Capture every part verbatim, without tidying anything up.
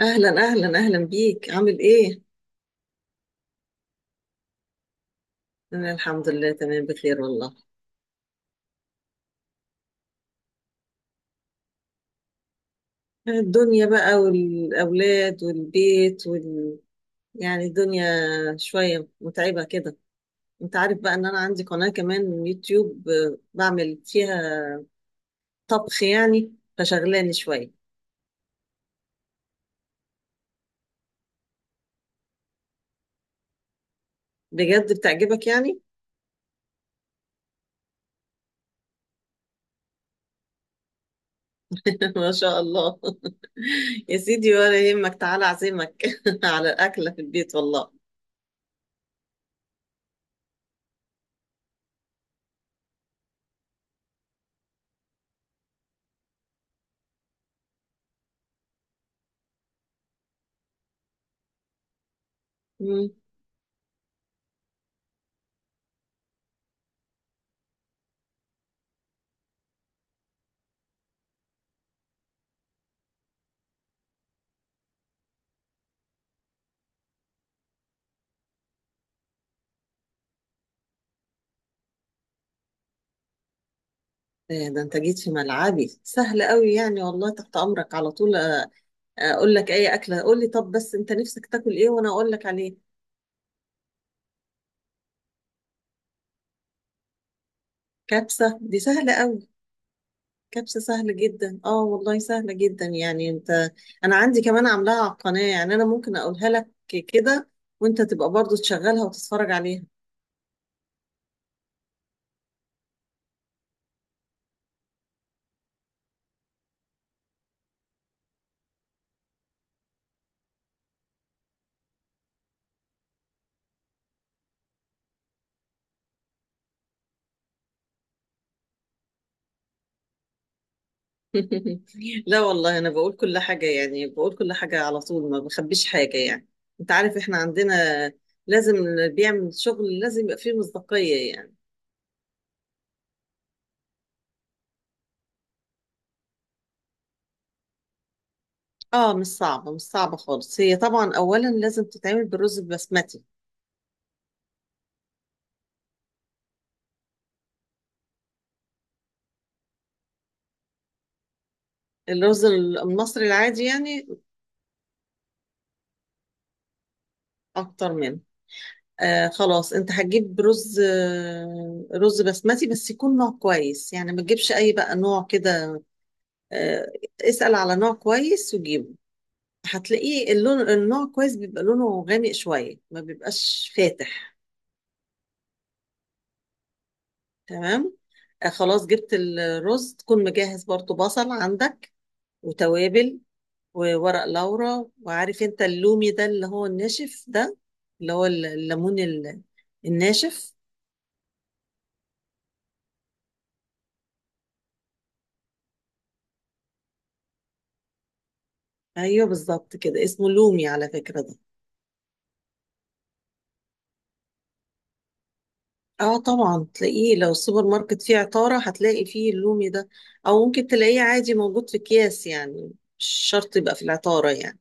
أهلا أهلا أهلا بيك، عامل إيه؟ أنا الحمد لله تمام، بخير والله. الدنيا بقى والأولاد والبيت وال... يعني الدنيا شوية متعبة كده. أنت عارف بقى إن أنا عندي قناة كمان يوتيوب، آه، بعمل فيها طبخ، يعني فشغلاني شوية. بجد بتعجبك يعني؟ ما شاء الله. يا سيدي، ولا يهمك، تعالى أعزمك على أكلة في البيت والله. مم. إيه ده، أنت جيت في ملعبي سهل قوي يعني، والله تحت أمرك على طول. اقول لك اي اكله، قول لي. طب بس انت نفسك تاكل ايه وانا اقول لك عليه. كبسه دي سهله قوي. كبسه سهله جدا، اه والله سهله جدا يعني. انت انا عندي كمان عاملاها على القناه، يعني انا ممكن اقولها لك كده وانت تبقى برضو تشغلها وتتفرج عليها. لا والله، انا بقول كل حاجه، يعني بقول كل حاجه على طول، ما بخبيش حاجه يعني. انت عارف احنا عندنا لازم اللي بيعمل شغل لازم يبقى فيه مصداقيه يعني. اه، مش صعبه مش صعبه خالص. هي طبعا اولا لازم تتعمل بالرز البسمتي، الرز المصري العادي يعني اكتر منه. آه خلاص، انت هتجيب رز، آه رز بسمتي، بس يكون نوع كويس يعني، ما تجيبش اي بقى نوع كده. آه، اسأل على نوع كويس وجيبه. هتلاقيه اللون، النوع كويس بيبقى لونه غامق شوية، ما بيبقاش فاتح. تمام. آه خلاص، جبت الرز، تكون مجهز برضو بصل عندك وتوابل وورق لورا. وعارف انت اللومي ده اللي هو الناشف ده، اللي هو ال- الليمون ال- الناشف. ايوه بالظبط كده، اسمه لومي على فكرة ده. اه طبعا تلاقيه، لو السوبر ماركت فيه عطارة هتلاقي فيه اللومي ده، او ممكن تلاقيه عادي موجود في اكياس يعني، مش شرط يبقى في العطارة يعني.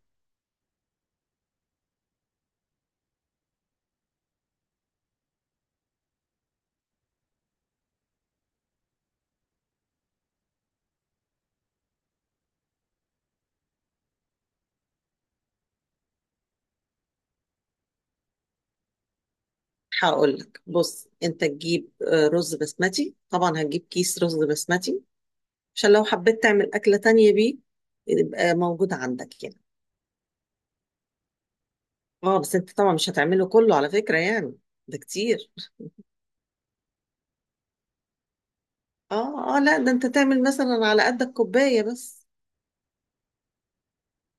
هقول لك، بص، انت تجيب آه، رز بسمتي. طبعا هتجيب كيس رز بسمتي عشان لو حبيت تعمل أكلة تانية بيه يبقى موجود عندك يعني. اه بس انت طبعا مش هتعمله كله على فكرة يعني، ده كتير. اه اه لا، ده انت تعمل مثلا على قدك كوباية بس.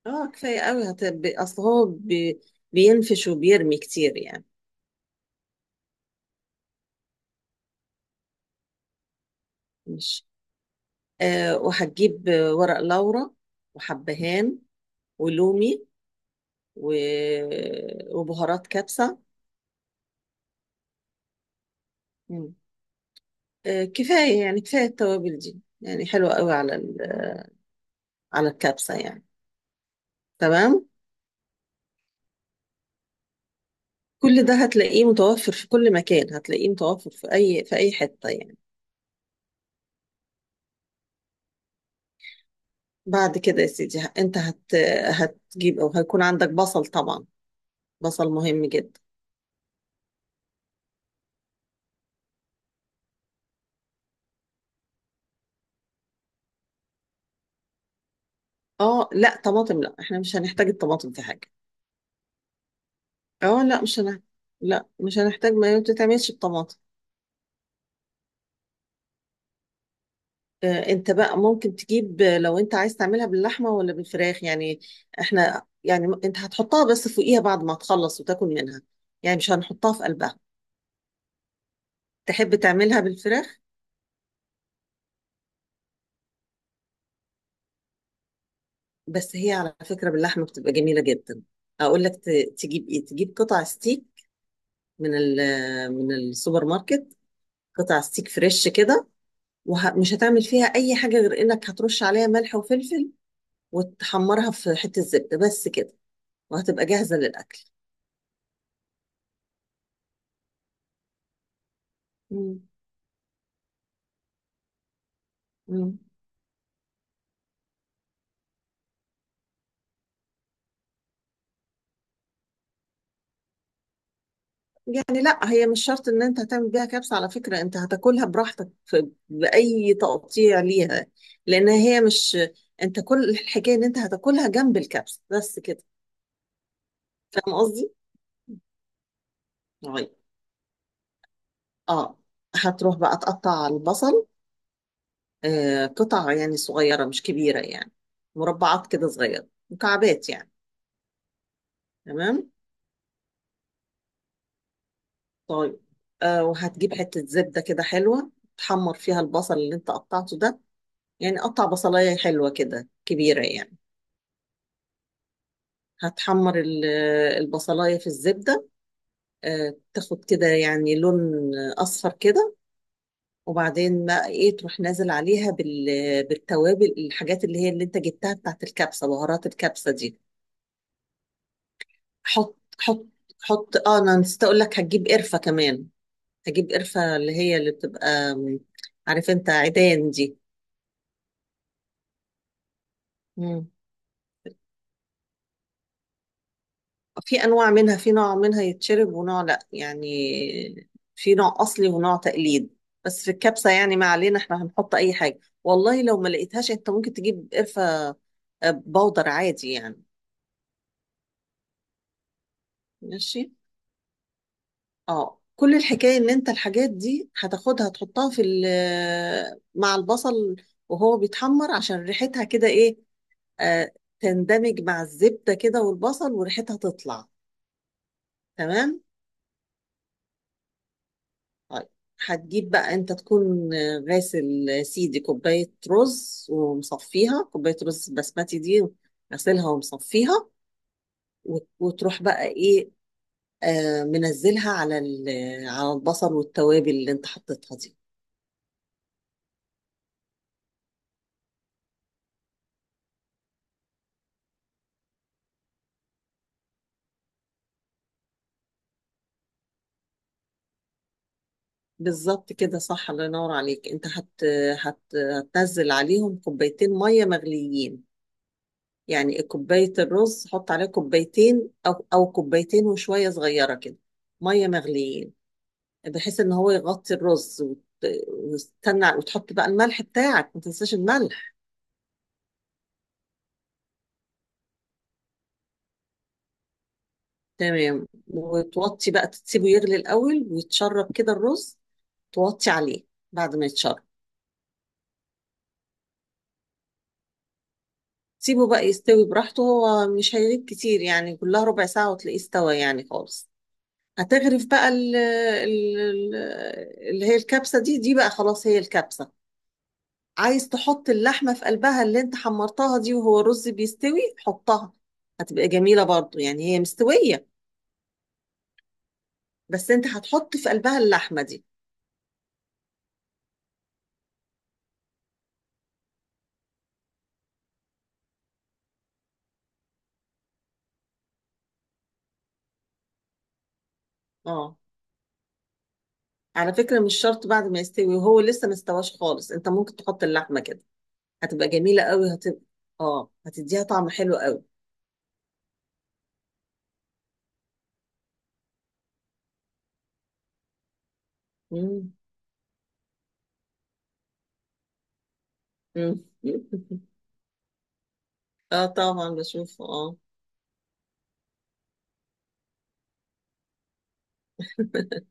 اه كفاية قوي، هت... ب- اصل هو بي... بينفش وبيرمي كتير يعني. مش. آه وهتجيب آه، ورق لورا وحبهان ولومي و... وبهارات كبسة. مم. آه كفاية يعني، كفاية التوابل دي، يعني حلوة قوي على ال... على الكبسة يعني. تمام. كل ده هتلاقيه متوفر في كل مكان، هتلاقيه متوفر في اي في اي حتة يعني. بعد كده يا سيدي، ه- انت هت... هتجيب او هيكون عندك بصل طبعا، بصل مهم جدا. اه لا، طماطم لا، احنا مش هنحتاج الطماطم في حاجه. اه لا مش هنحتاج، لا مش هنحتاج، ما بتتعملش بطماطم. آه انت بقى ممكن تجيب، آه، لو انت عايز تعملها باللحمه ولا بالفراخ يعني. احنا يعني م- انت هتحطها بس فوقيها بعد ما تخلص وتاكل منها، يعني مش هنحطها في قلبها. تحب تعملها بالفراخ؟ بس هي على فكره باللحمه بتبقى جميله جدا. اقول لك، ت- تجيب ايه؟ تجيب قطع ستيك من ال من السوبر ماركت. قطع ستيك فريش كده، ومش هتعمل فيها اي حاجه غير انك هترش عليها ملح وفلفل وتحمرها في حته زبده بس كده، وهتبقى جاهزه للاكل. مم. مم. يعني لا هي مش شرط ان انت هتعمل بيها كبسه على فكره، انت هتاكلها براحتك في باي تقطيع ليها، لان هي مش، انت كل الحكايه ان انت هتاكلها جنب الكبسه بس كده. فاهم قصدي؟ طيب. اه. هتروح بقى تقطع البصل، آه، قطع يعني صغيرة مش كبيرة يعني، مربعات كده صغيرة، مكعبات يعني. تمام. طيب. آه وهتجيب حتة زبدة كده حلوة، تحمر فيها البصل اللي انت قطعته ده. يعني قطع بصلاية حلوة كده كبيرة يعني، هتحمر ال- البصلاية في الزبدة. آه تاخد كده يعني لون أصفر كده، وبعدين ما ايه، تروح نازل عليها بال- بالتوابل، الحاجات اللي هي اللي انت جبتها بتاعت الكبسة، بهارات الكبسة دي. حط حط. حط، اه انا نسيت اقول لك، هتجيب قرفة كمان. هجيب قرفة اللي هي اللي بتبقى م، عارف انت عيدان دي. مم. في انواع منها، في نوع منها يتشرب ونوع لا يعني. في نوع اصلي ونوع تقليد. بس في الكبسة يعني ما علينا، احنا هنحط اي حاجة والله. لو ما لقيتهاش انت ممكن تجيب قرفة آه، بودر عادي يعني. ماشي. اه، كل الحكاية ان انت الحاجات دي هتاخدها تحطها في ال- آه، مع البصل وهو بيتحمر، عشان ريحتها كده ايه، آه تندمج مع الزبدة كده والبصل وريحتها تطلع. تمام. طيب. هتجيب بقى انت، تكون آه، غاسل آه، سيدي كوباية رز ومصفيها، كوباية رز بسمتي دي غسلها ومصفيها، وت- وتروح بقى ايه، آه منزلها على ال- على البصل والتوابل اللي انت حطيتها دي. بالظبط كده صح، الله ينور عليك. انت هت... هت... هتنزل عليهم كوبايتين ميه مغليين. يعني كوبايه الرز حط عليها كوبايتين او او كوبايتين وشويه صغيره كده، ميه مغليين، بحيث ان هو يغطي الرز وت... وتستنى وتحط بقى الملح بتاعك، ما تنساش الملح. تمام، وتوطي بقى، تسيبه يغلي الاول ويتشرب كده الرز، توطي عليه بعد ما يتشرب. سيبه بقى يستوي براحته، هو مش هيغيب كتير يعني، كلها ربع ساعة وتلاقيه استوى يعني خالص. هتغرف بقى ال ال ال اللي هي الكبسة دي، دي بقى خلاص هي الكبسة. عايز تحط اللحمة في قلبها اللي انت حمرتها دي وهو الرز بيستوي، حطها، هتبقى جميلة برضو يعني، هي مستوية، بس انت هتحط في قلبها اللحمة دي. اه على فكرة، مش شرط بعد ما يستوي، وهو لسه مستواش خالص انت ممكن تحط اللحمة كده، هتبقى جميلة قوي. هتبقى اه هتديها طعم حلو قوي. مم. مم. اه طبعا بشوفه اه.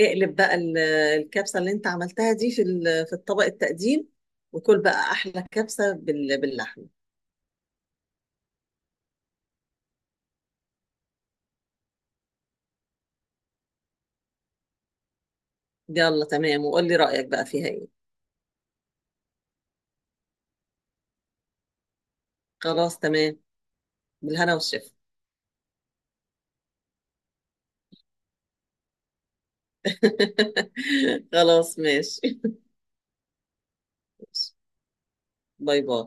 اقلب بقى ال- الكبسة اللي انت عملتها دي في ال- في الطبق التقديم، وكل بقى احلى كبسة بال- باللحمة. يلا تمام، وقول لي رأيك بقى فيها ايه. خلاص تمام، بالهنا والشفا. خلاص ماشي. باي باي.